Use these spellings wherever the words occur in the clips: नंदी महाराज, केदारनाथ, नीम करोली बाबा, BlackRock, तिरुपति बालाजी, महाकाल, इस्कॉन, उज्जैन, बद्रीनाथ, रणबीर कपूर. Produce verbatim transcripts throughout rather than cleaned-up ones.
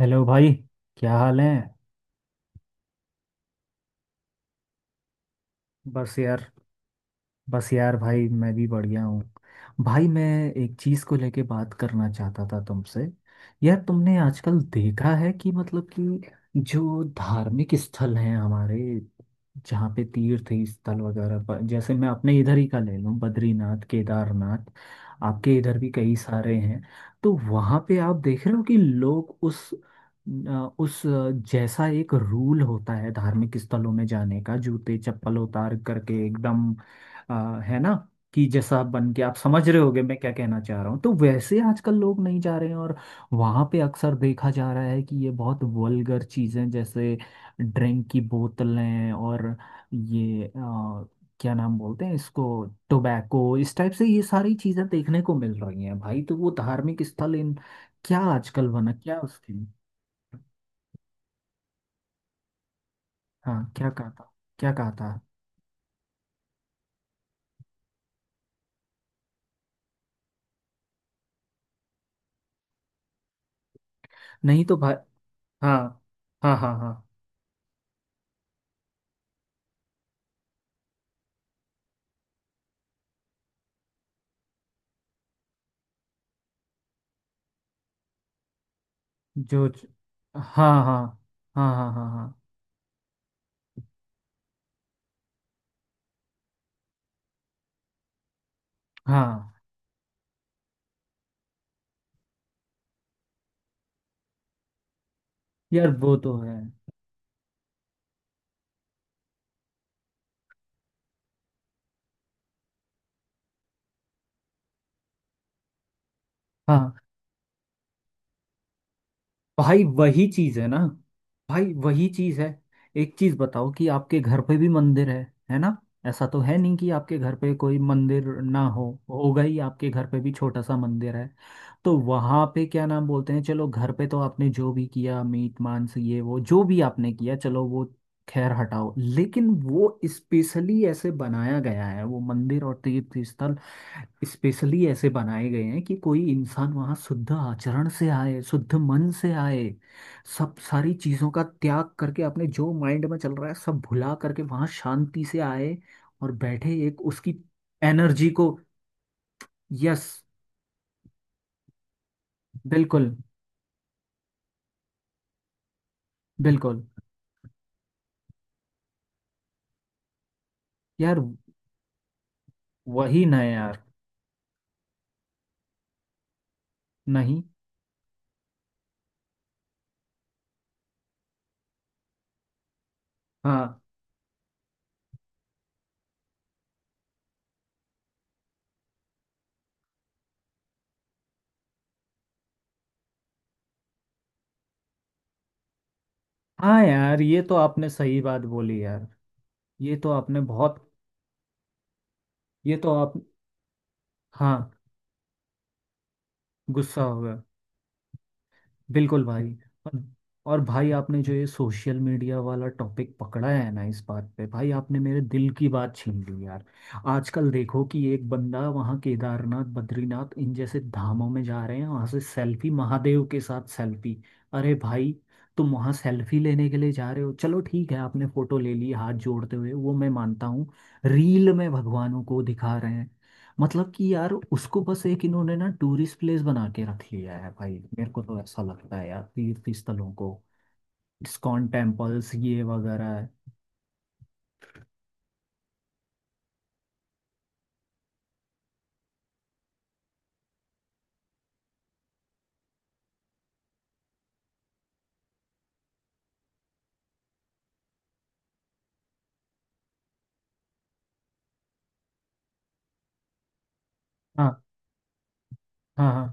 Hello भाई, क्या हाल है। बस यार बस यार भाई मैं भी बढ़िया हूँ। भाई, मैं एक चीज़ को लेके बात करना चाहता था तुमसे। यार, तुमने आजकल देखा है कि मतलब कि जो धार्मिक स्थल हैं हमारे, जहाँ पे तीर्थ स्थल वगैरह, पर जैसे मैं अपने इधर ही का ले लूँ, बद्रीनाथ, केदारनाथ, आपके इधर भी कई सारे हैं। तो वहाँ पे आप देख रहे हो कि लोग उस अ, उस अ, जैसा एक रूल होता है धार्मिक स्थलों में जाने का, जूते चप्पल उतार करके एकदम, आ, है ना? कि जैसा आप बन के आप समझ रहे होगे मैं क्या कहना चाह रहा हूँ, तो वैसे आजकल लोग नहीं जा रहे हैं। और वहाँ पे अक्सर देखा जा रहा है कि ये बहुत वल्गर चीज़ें, जैसे ड्रिंक की बोतलें और ये आ, क्या नाम बोलते हैं इसको, टोबैको, इस टाइप से ये सारी चीज़ें देखने को मिल रही हैं भाई। तो वो धार्मिक स्थल इन क्या आजकल बना क्या उसकी। हाँ, क्या कहा था? क्या कहा था? नहीं तो भाई। हाँ, हाँ, हाँ, हाँ। जो च- हाँ, हाँ, हाँ, हाँ, हाँ, हाँ, हाँ। यार, वो तो है। हाँ भाई, वही चीज है ना, भाई वही चीज है। एक चीज बताओ कि आपके घर पे भी मंदिर है है ना? ऐसा तो है नहीं कि आपके घर पे कोई मंदिर ना हो, होगा ही, आपके घर पे भी छोटा सा मंदिर है। तो वहां पे क्या नाम बोलते हैं, चलो घर पे तो आपने जो भी किया, मीट, मांस, ये वो जो भी आपने किया, चलो वो खैर हटाओ, लेकिन वो स्पेशली ऐसे बनाया गया है, वो मंदिर और तीर्थ स्थल स्पेशली ऐसे बनाए गए हैं कि कोई इंसान वहां शुद्ध आचरण से आए, शुद्ध मन से आए, सब सारी चीजों का त्याग करके अपने जो माइंड में चल रहा है सब भुला करके वहां शांति से आए, और बैठे एक उसकी एनर्जी को। यस। बिल्कुल, बिल्कुल। यार वही ना यार। नहीं। हाँ, हाँ, यार, ये तो आपने सही बात बोली यार, ये तो आपने बहुत, ये तो आप। हाँ, गुस्सा हो गया। बिल्कुल भाई। और और भाई आपने जो ये सोशल मीडिया वाला टॉपिक पकड़ा है ना इस बात पे, भाई आपने मेरे दिल की बात छीन ली यार। आजकल देखो कि एक बंदा वहाँ केदारनाथ, बद्रीनाथ, इन जैसे धामों में जा रहे हैं, वहाँ से सेल्फी, महादेव के साथ सेल्फी। अरे भाई, तुम वहाँ सेल्फी लेने के लिए जा रहे हो, चलो ठीक है, आपने फोटो ले ली हाथ जोड़ते हुए, वो मैं मानता हूँ। रील में भगवानों को दिखा रहे हैं। मतलब कि यार, उसको बस एक इन्होंने ना टूरिस्ट प्लेस बना के रख लिया है भाई, मेरे को तो ऐसा लगता है यार तीर्थ स्थलों को, इस्कॉन टेम्पल्स ये वगैरह है। हाँ, हाँ, हाँ,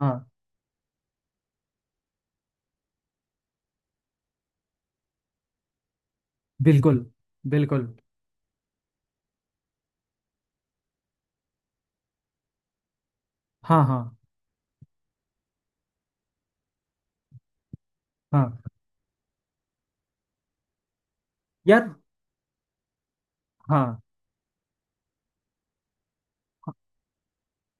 हाँ। बिल्कुल, बिल्कुल। हाँ, हाँ, हाँ यार। हाँ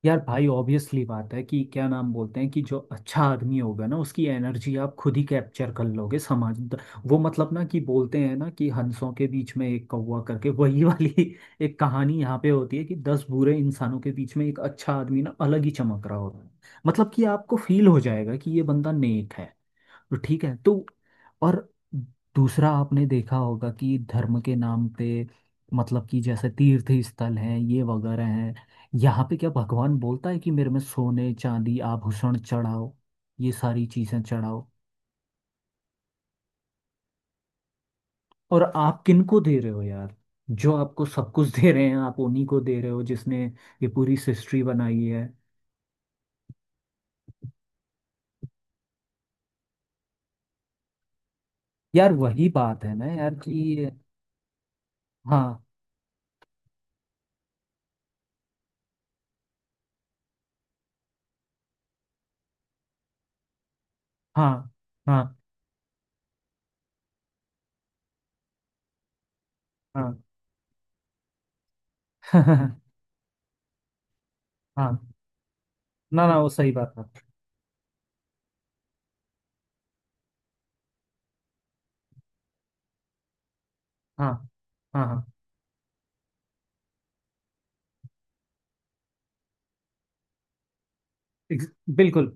यार, भाई ऑब्वियसली बात है कि क्या नाम बोलते हैं कि जो अच्छा आदमी होगा ना उसकी एनर्जी आप खुद ही कैप्चर कर लोगे समाज द- वो मतलब ना कि बोलते हैं ना कि हंसों के बीच में एक कौवा करके, वही वाली एक कहानी यहाँ पे होती है कि दस बुरे इंसानों के बीच में एक अच्छा आदमी ना अलग ही चमक रहा होता है। मतलब कि आपको फील हो जाएगा कि ये बंदा नेक है, तो ठीक है, तो, और दूसरा आपने देखा होगा कि धर्म के नाम पे, मतलब कि जैसे तीर्थ स्थल हैं ये वगैरह हैं, यहाँ पे क्या भगवान बोलता है कि मेरे में सोने, चांदी, आभूषण चढ़ाओ, ये सारी चीजें चढ़ाओ, और आप किनको दे रहे हो यार, जो आपको सब कुछ दे रहे हैं आप उन्हीं को दे रहे हो, जिसने ये पूरी सृष्टि बनाई है। यार वही बात है ना यार कि। हाँ, हाँ, हाँ, हाँ। हाँ, ना ना, वो सही बात है। हाँ, हाँ, हाँ। ex- बिल्कुल,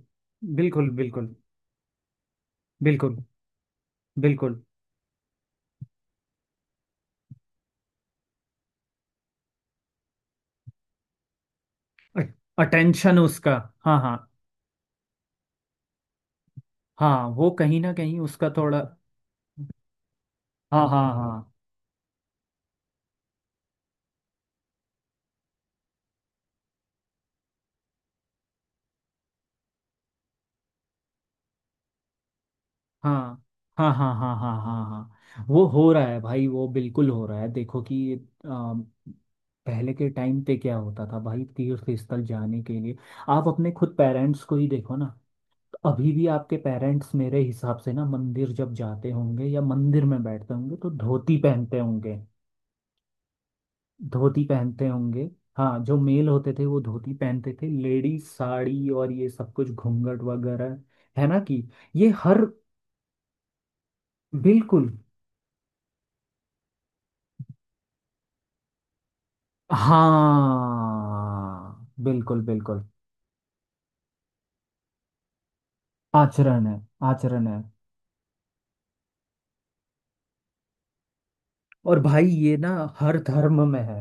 बिल्कुल, बिल्कुल, बिल्कुल। बिल्कुल। अटेंशन उसका। हाँ, हाँ। हाँ, वो कहीं ना कहीं उसका थोड़ा। हाँ, हाँ, हाँ, हाँ, हाँ, हाँ, हाँ, हाँ, हाँ, हाँ वो हो रहा है भाई, वो बिल्कुल हो रहा है। देखो कि आ, पहले के टाइम पे क्या होता था भाई, तीर्थ स्थल जाने के लिए आप अपने खुद पेरेंट्स को ही देखो ना। तो अभी भी आपके पेरेंट्स मेरे हिसाब से ना मंदिर जब जाते होंगे या मंदिर में बैठते होंगे तो धोती पहनते होंगे। धोती पहनते होंगे। हाँ, जो मेल होते थे वो धोती पहनते थे, लेडीज साड़ी और ये सब कुछ घूंघट वगैरह, है ना कि ये हर, बिल्कुल। हाँ, बिल्कुल, बिल्कुल। आचरण है। आचरण है। और भाई ये ना हर धर्म में है।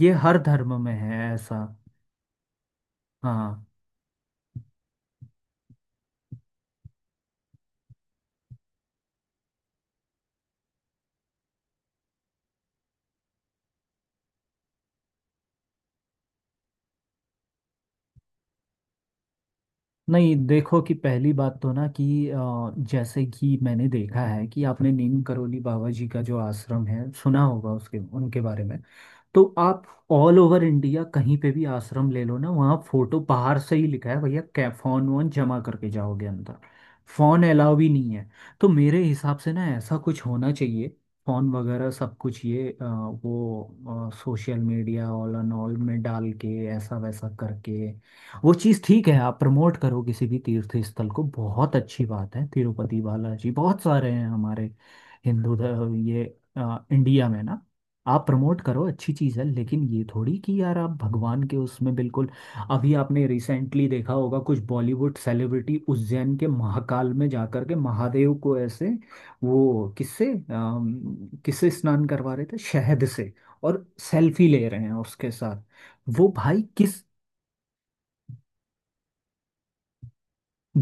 ये हर धर्म में है ऐसा। हाँ। नहीं, देखो कि पहली बात तो ना कि अ, जैसे कि मैंने देखा है कि आपने नीम करोली बाबा जी का जो आश्रम है सुना होगा, उसके, उनके बारे में। तो आप ऑल ओवर इंडिया कहीं पे भी आश्रम ले लो ना, वहाँ फोटो, बाहर से ही लिखा है भैया कै फोन वोन जमा करके जाओगे अंदर, फोन अलाउ भी नहीं है। तो मेरे हिसाब से ना ऐसा कुछ होना चाहिए, फोन वगैरह सब कुछ ये अ, वो social media all and all में डाल के ऐसा वैसा करके, वो चीज़ ठीक है, आप प्रमोट करो किसी भी तीर्थ स्थल को, बहुत अच्छी बात है, तिरुपति बालाजी, बहुत सारे हैं हमारे हिंदू ध- ये अ, इंडिया में ना, आप प्रमोट करो, अच्छी चीज़ है, लेकिन ये थोड़ी कि यार आप भगवान के उसमें, बिल्कुल अभी आपने रिसेंटली देखा होगा, कुछ बॉलीवुड सेलिब्रिटी उज्जैन के महाकाल में जाकर के महादेव को ऐसे, वो किससे अम, किससे स्नान करवा रहे थे, शहद से, और सेल्फी ले रहे हैं उसके साथ, वो भाई किस,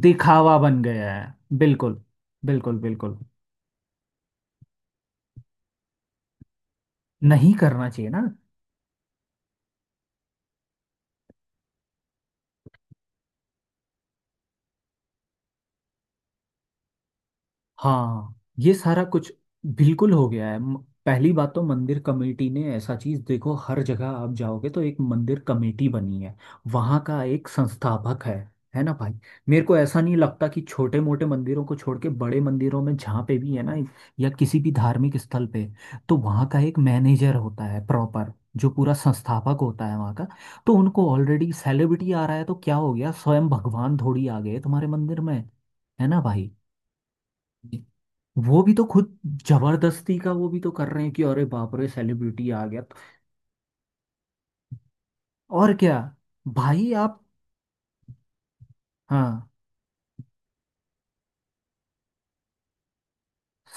दिखावा बन गया है। बिल्कुल, बिल्कुल, बिल्कुल। नहीं करना चाहिए ना। हाँ, ये सारा कुछ बिल्कुल हो गया है। म- पहली बात तो मंदिर कमेटी ने ऐसा चीज देखो, हर जगह आप जाओगे तो एक मंदिर कमेटी बनी है, वहाँ का एक संस्थापक है है ना भाई। मेरे को ऐसा नहीं लगता कि छोटे मोटे मंदिरों को छोड़ के बड़े मंदिरों में जहाँ पे भी है ना, या किसी भी धार्मिक स्थल पे, तो वहाँ का एक मैनेजर होता है, प्रॉपर जो पूरा संस्थापक होता है वहाँ का, तो उनको ऑलरेडी सेलिब्रिटी आ रहा है तो क्या हो गया, स्वयं भगवान थोड़ी आ गए तुम्हारे मंदिर में, है ना भाई। वो भी तो खुद, जबरदस्ती का वो भी तो कर रहे हैं कि अरे बाप रे सेलिब्रिटी आ गया तो। और क्या, भाई आप। हाँ,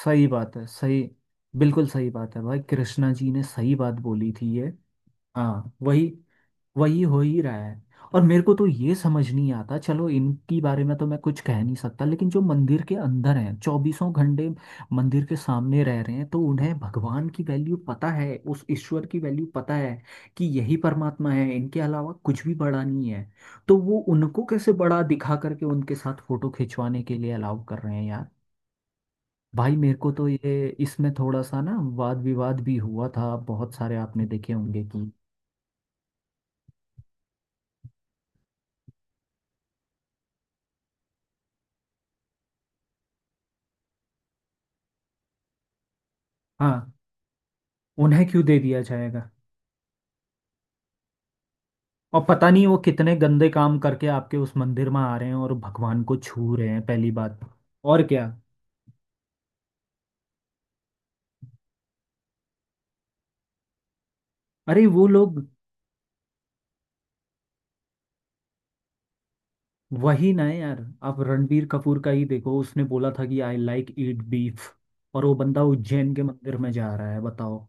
सही बात है, सही, बिल्कुल सही बात है भाई, कृष्णा जी ने सही बात बोली थी ये। हाँ, वही। वही हो ही रहा है। और मेरे को तो ये समझ नहीं आता, चलो इनकी बारे में तो मैं कुछ कह नहीं सकता, लेकिन जो मंदिर के अंदर हैं चौबीसों घंटे मंदिर के सामने रह रहे हैं, तो उन्हें भगवान की वैल्यू पता है, उस ईश्वर की वैल्यू पता है कि यही परमात्मा है, इनके अलावा कुछ भी बड़ा नहीं है, तो वो उनको कैसे बड़ा दिखा करके उनके साथ फोटो खिंचवाने के लिए अलाउ कर रहे हैं यार। भाई मेरे को तो ये इसमें थोड़ा सा ना वाद विवाद भी हुआ था, बहुत सारे आपने देखे होंगे कि, हाँ। उन्हें क्यों दे दिया जाएगा, और पता नहीं वो कितने गंदे काम करके आपके उस मंदिर में आ रहे हैं और भगवान को छू रहे हैं, पहली बात। और क्या, अरे वो लोग, वही ना है यार, आप रणबीर कपूर का ही देखो, उसने बोला था कि आई लाइक ईट बीफ, और वो बंदा उज्जैन के मंदिर में जा रहा है, बताओ।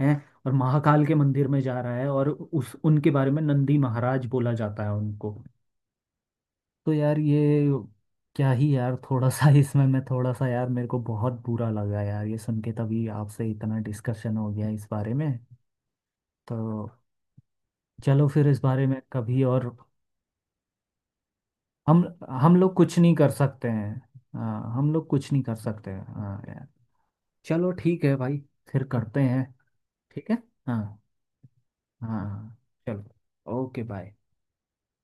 हैं। और महाकाल के मंदिर में जा रहा है, और उस उनके बारे में नंदी महाराज बोला जाता है उनको। तो यार ये, क्या ही यार, थोड़ा सा इसमें मैं थोड़ा सा यार मेरे को बहुत बुरा लगा यार ये सुन के, तभी आपसे इतना डिस्कशन हो गया इस बारे में। तो चलो फिर इस बारे में कभी और। हम हम लोग कुछ नहीं कर सकते हैं। हाँ, हम लोग कुछ नहीं कर सकते हैं, हाँ यार। चलो ठीक है भाई। फिर करते हैं। ठीक है। हाँ, हाँ, हाँ, चलो ओके, बाय।